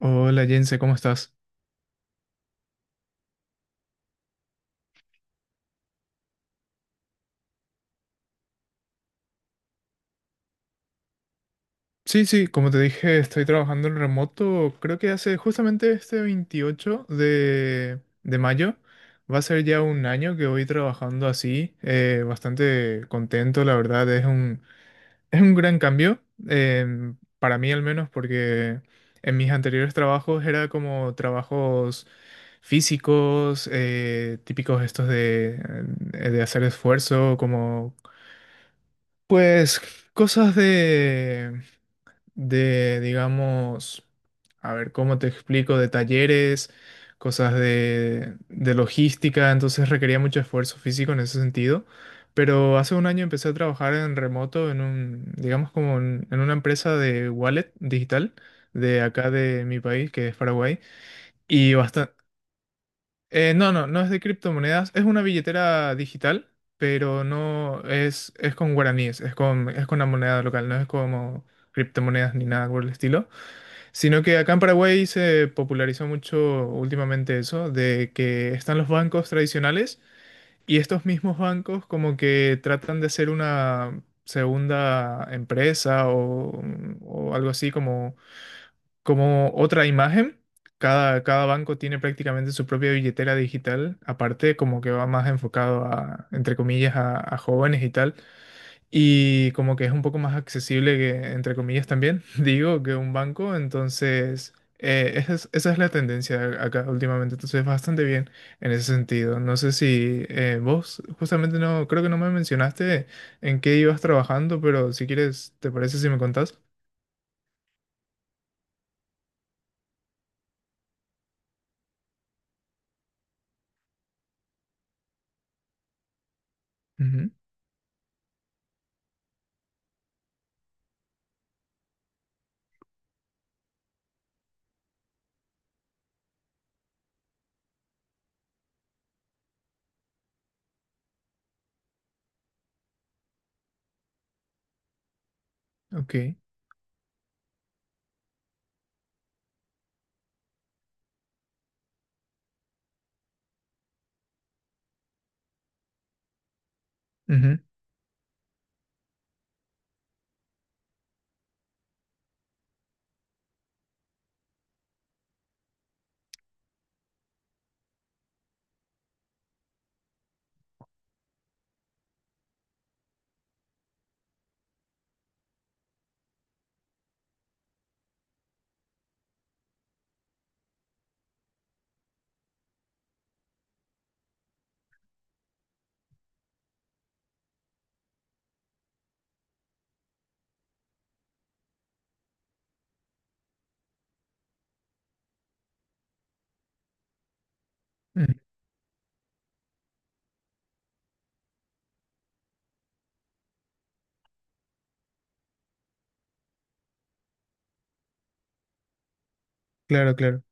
Hola Jense, ¿cómo estás? Sí, sí, como te dije, estoy trabajando en remoto. Creo que hace justamente este 28 de mayo. Va a ser ya un año que voy trabajando así. Bastante contento, la verdad. Es un gran cambio, para mí al menos, porque en mis anteriores trabajos era como trabajos físicos, típicos estos de hacer esfuerzo, como pues cosas de digamos, a ver, ¿cómo te explico? De talleres, cosas de logística, entonces requería mucho esfuerzo físico en ese sentido. Pero hace un año empecé a trabajar en remoto en un, digamos, como en una empresa de wallet digital de acá de mi país, que es Paraguay. Y bastante... No, no, no es de criptomonedas, es una billetera digital, pero no es, es con guaraníes, es con la moneda local, no es como criptomonedas ni nada por el estilo. Sino que acá en Paraguay se popularizó mucho últimamente eso, de que están los bancos tradicionales y estos mismos bancos como que tratan de ser una segunda empresa o, mm, o algo así como, como otra imagen. Cada, cada banco tiene prácticamente su propia billetera digital, aparte como que va más enfocado a, entre comillas, a jóvenes y tal y como que es un poco más accesible que, entre comillas también, digo, que un banco, entonces esa es la tendencia acá últimamente, entonces bastante bien en ese sentido. No sé si vos justamente no, creo que no me mencionaste en qué ibas trabajando, pero si quieres, ¿te parece si me contás? Ujú, ok. Ujú, ujú, claro, claro.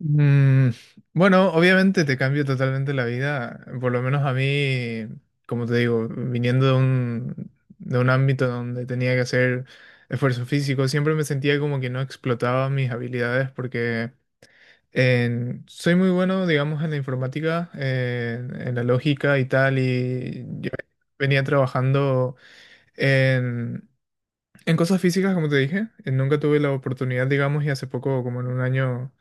Mm, bueno, obviamente te cambia totalmente la vida, por lo menos a mí, como te digo, viniendo de un ámbito donde tenía que hacer esfuerzo físico, siempre me sentía como que no explotaba mis habilidades porque soy muy bueno, digamos, en la informática, en la lógica y tal, y yo venía trabajando en cosas físicas, como te dije, nunca tuve la oportunidad, digamos, y hace poco, como en un año,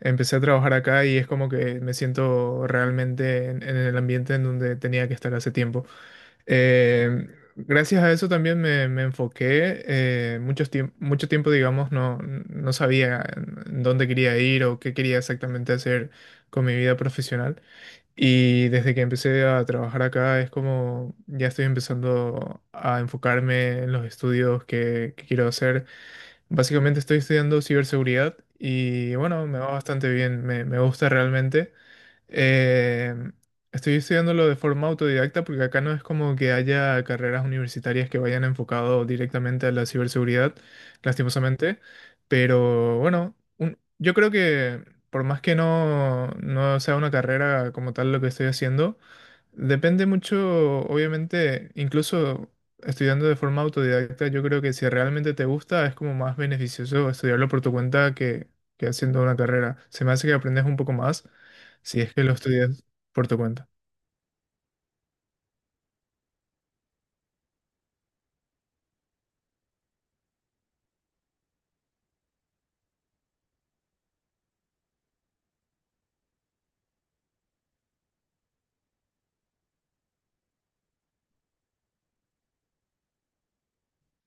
empecé a trabajar acá y es como que me siento realmente en el ambiente en donde tenía que estar hace tiempo. Eh, Gracias a eso también me enfoqué. Muchos mucho tiempo, digamos, no, no sabía en dónde quería ir o qué quería exactamente hacer con mi vida profesional. Y desde que empecé a trabajar acá es como ya estoy empezando a enfocarme en los estudios que quiero hacer. Básicamente estoy estudiando ciberseguridad y bueno, me va bastante bien, me gusta realmente. Eh, Estoy estudiándolo de forma autodidacta porque acá no es como que haya carreras universitarias que vayan enfocado directamente a la ciberseguridad, lastimosamente. Pero bueno, yo creo que por más que no, no sea una carrera como tal lo que estoy haciendo, depende mucho, obviamente, incluso estudiando de forma autodidacta, yo creo que si realmente te gusta es como más beneficioso estudiarlo por tu cuenta que haciendo una carrera. Se me hace que aprendes un poco más si es que lo estudias por tu cuenta.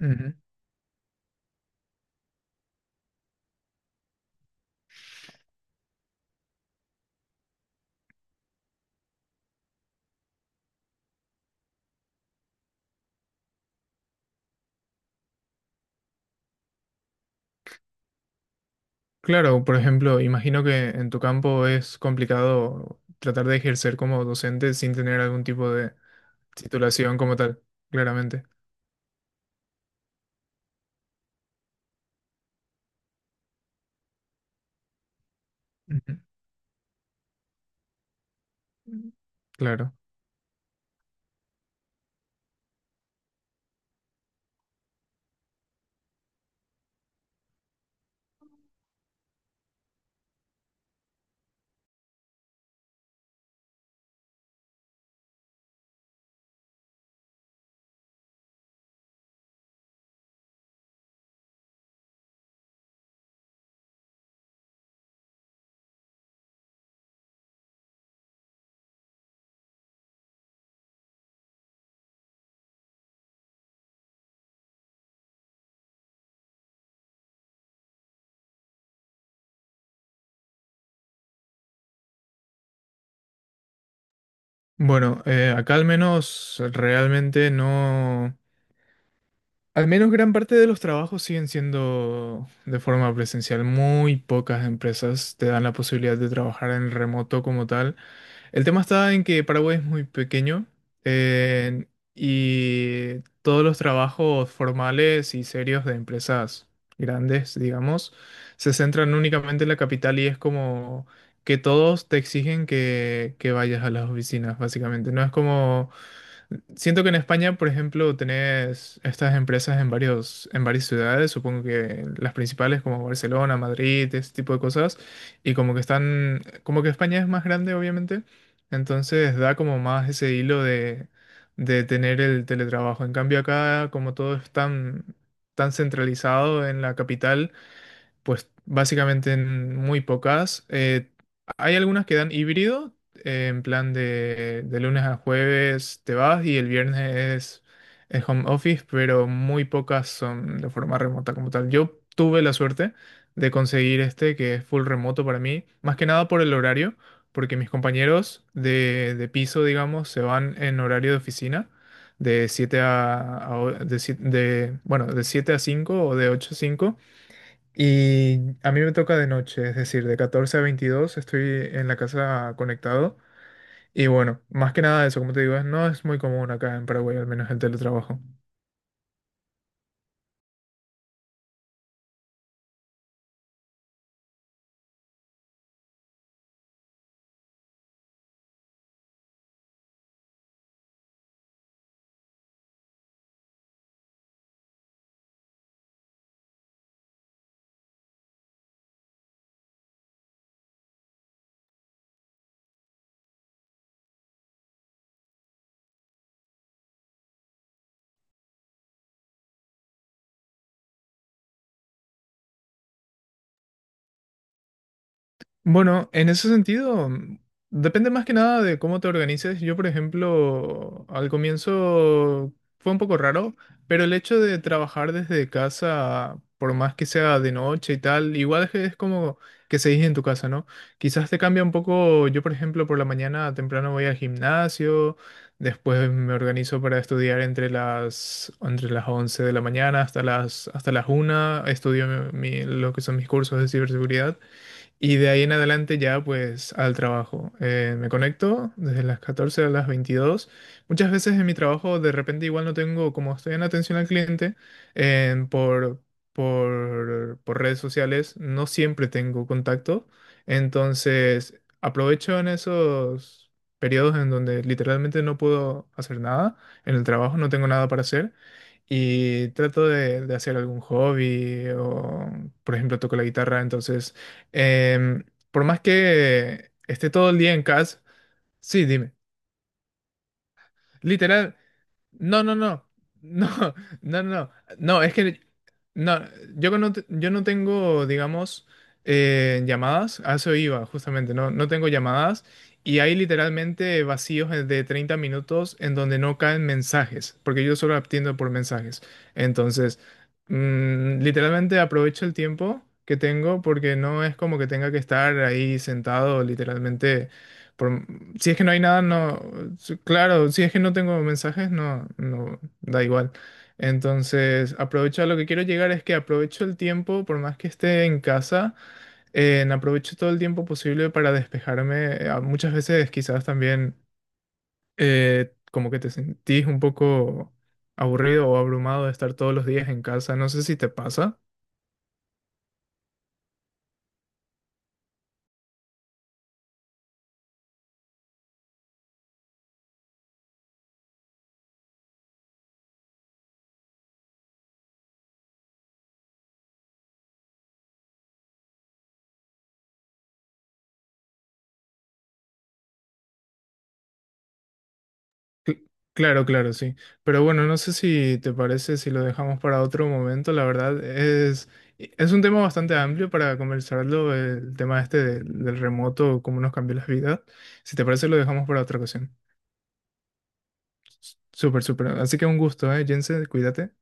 Ujú. Claro, por ejemplo, imagino que en tu campo es complicado tratar de ejercer como docente sin tener algún tipo de titulación como tal, claramente. Ujú. Claro. Bueno, acá al menos realmente no. Al menos gran parte de los trabajos siguen siendo de forma presencial. Muy pocas empresas te dan la posibilidad de trabajar en remoto como tal. El tema está en que Paraguay es muy pequeño eh, y todos los trabajos formales y serios de empresas grandes, digamos, se centran únicamente en la capital y es como que todos te exigen que vayas a las oficinas, básicamente. No es como... Siento que en España, por ejemplo, tenés estas empresas en varios, en varias ciudades, supongo que las principales como Barcelona, Madrid, este tipo de cosas, y como que están, como que España es más grande, obviamente, entonces da como más ese hilo de tener el teletrabajo. En cambio acá, como todo es tan, tan centralizado en la capital, pues básicamente en muy pocas. Hay algunas que dan híbrido, en plan de lunes a jueves te vas y el viernes es home office, pero muy pocas son de forma remota como tal. Yo tuve la suerte de conseguir este que es full remoto para mí, más que nada por el horario, porque mis compañeros de piso, digamos, se van en horario de oficina. De 7 a de, bueno, de 7 a 5 o de 8 a 5 y a mí me toca de noche, es decir, de 14 a 22 estoy en la casa conectado. Y bueno, más que nada eso, como te digo, no es muy común acá en Paraguay, al menos el teletrabajo. Bueno, en ese sentido, depende más que nada de cómo te organices. Yo, por ejemplo, al comienzo fue un poco raro, pero el hecho de trabajar desde casa, por más que sea de noche y tal, igual es que es como que seguís en tu casa, ¿no? Quizás te cambia un poco. Yo, por ejemplo, por la mañana temprano voy al gimnasio, después me organizo para estudiar entre las 11 de la mañana hasta las una. Estudio lo que son mis cursos de ciberseguridad. Y de ahí en adelante ya pues al trabajo. Me conecto desde las 14 a las 22. Muchas veces en mi trabajo de repente igual no tengo, como estoy en atención al cliente, eh, por, por redes sociales, no siempre tengo contacto. Entonces aprovecho en esos periodos en donde literalmente no puedo hacer nada, en el trabajo no tengo nada para hacer. Y trato de hacer algún hobby o, por ejemplo, toco la guitarra, entonces Em, por más que esté todo el día en casa, sí, dime. Literal, no, no, no. No, no, no. No, es que no, yo que no, yo no tengo, digamos, llamadas. A eso iba, justamente. No, no tengo llamadas. Y hay literalmente vacíos de 30 minutos en donde no caen mensajes, porque yo solo atiendo por mensajes. Entonces, literalmente aprovecho el tiempo que tengo porque no es como que tenga que estar ahí sentado literalmente por si es que no hay nada, no. Claro, si es que no tengo mensajes, no, no, da igual. Entonces, aprovecho, a lo que quiero llegar es que aprovecho el tiempo, por más que esté en casa, en aprovecho todo el tiempo posible para despejarme. Muchas veces quizás también como que te sentís un poco aburrido o abrumado de estar todos los días en casa. No sé si te pasa. Cl- Claro, claro, sí. Pero bueno, no sé si te parece si lo dejamos para otro momento. La verdad es, e, es un tema bastante amplio para conversarlo, el tema este del, del remoto, cómo nos cambió las vidas. Si te parece, lo dejamos para otra ocasión. Súper, súper. Así que un gusto, ¿eh, Jensen? Cuídate.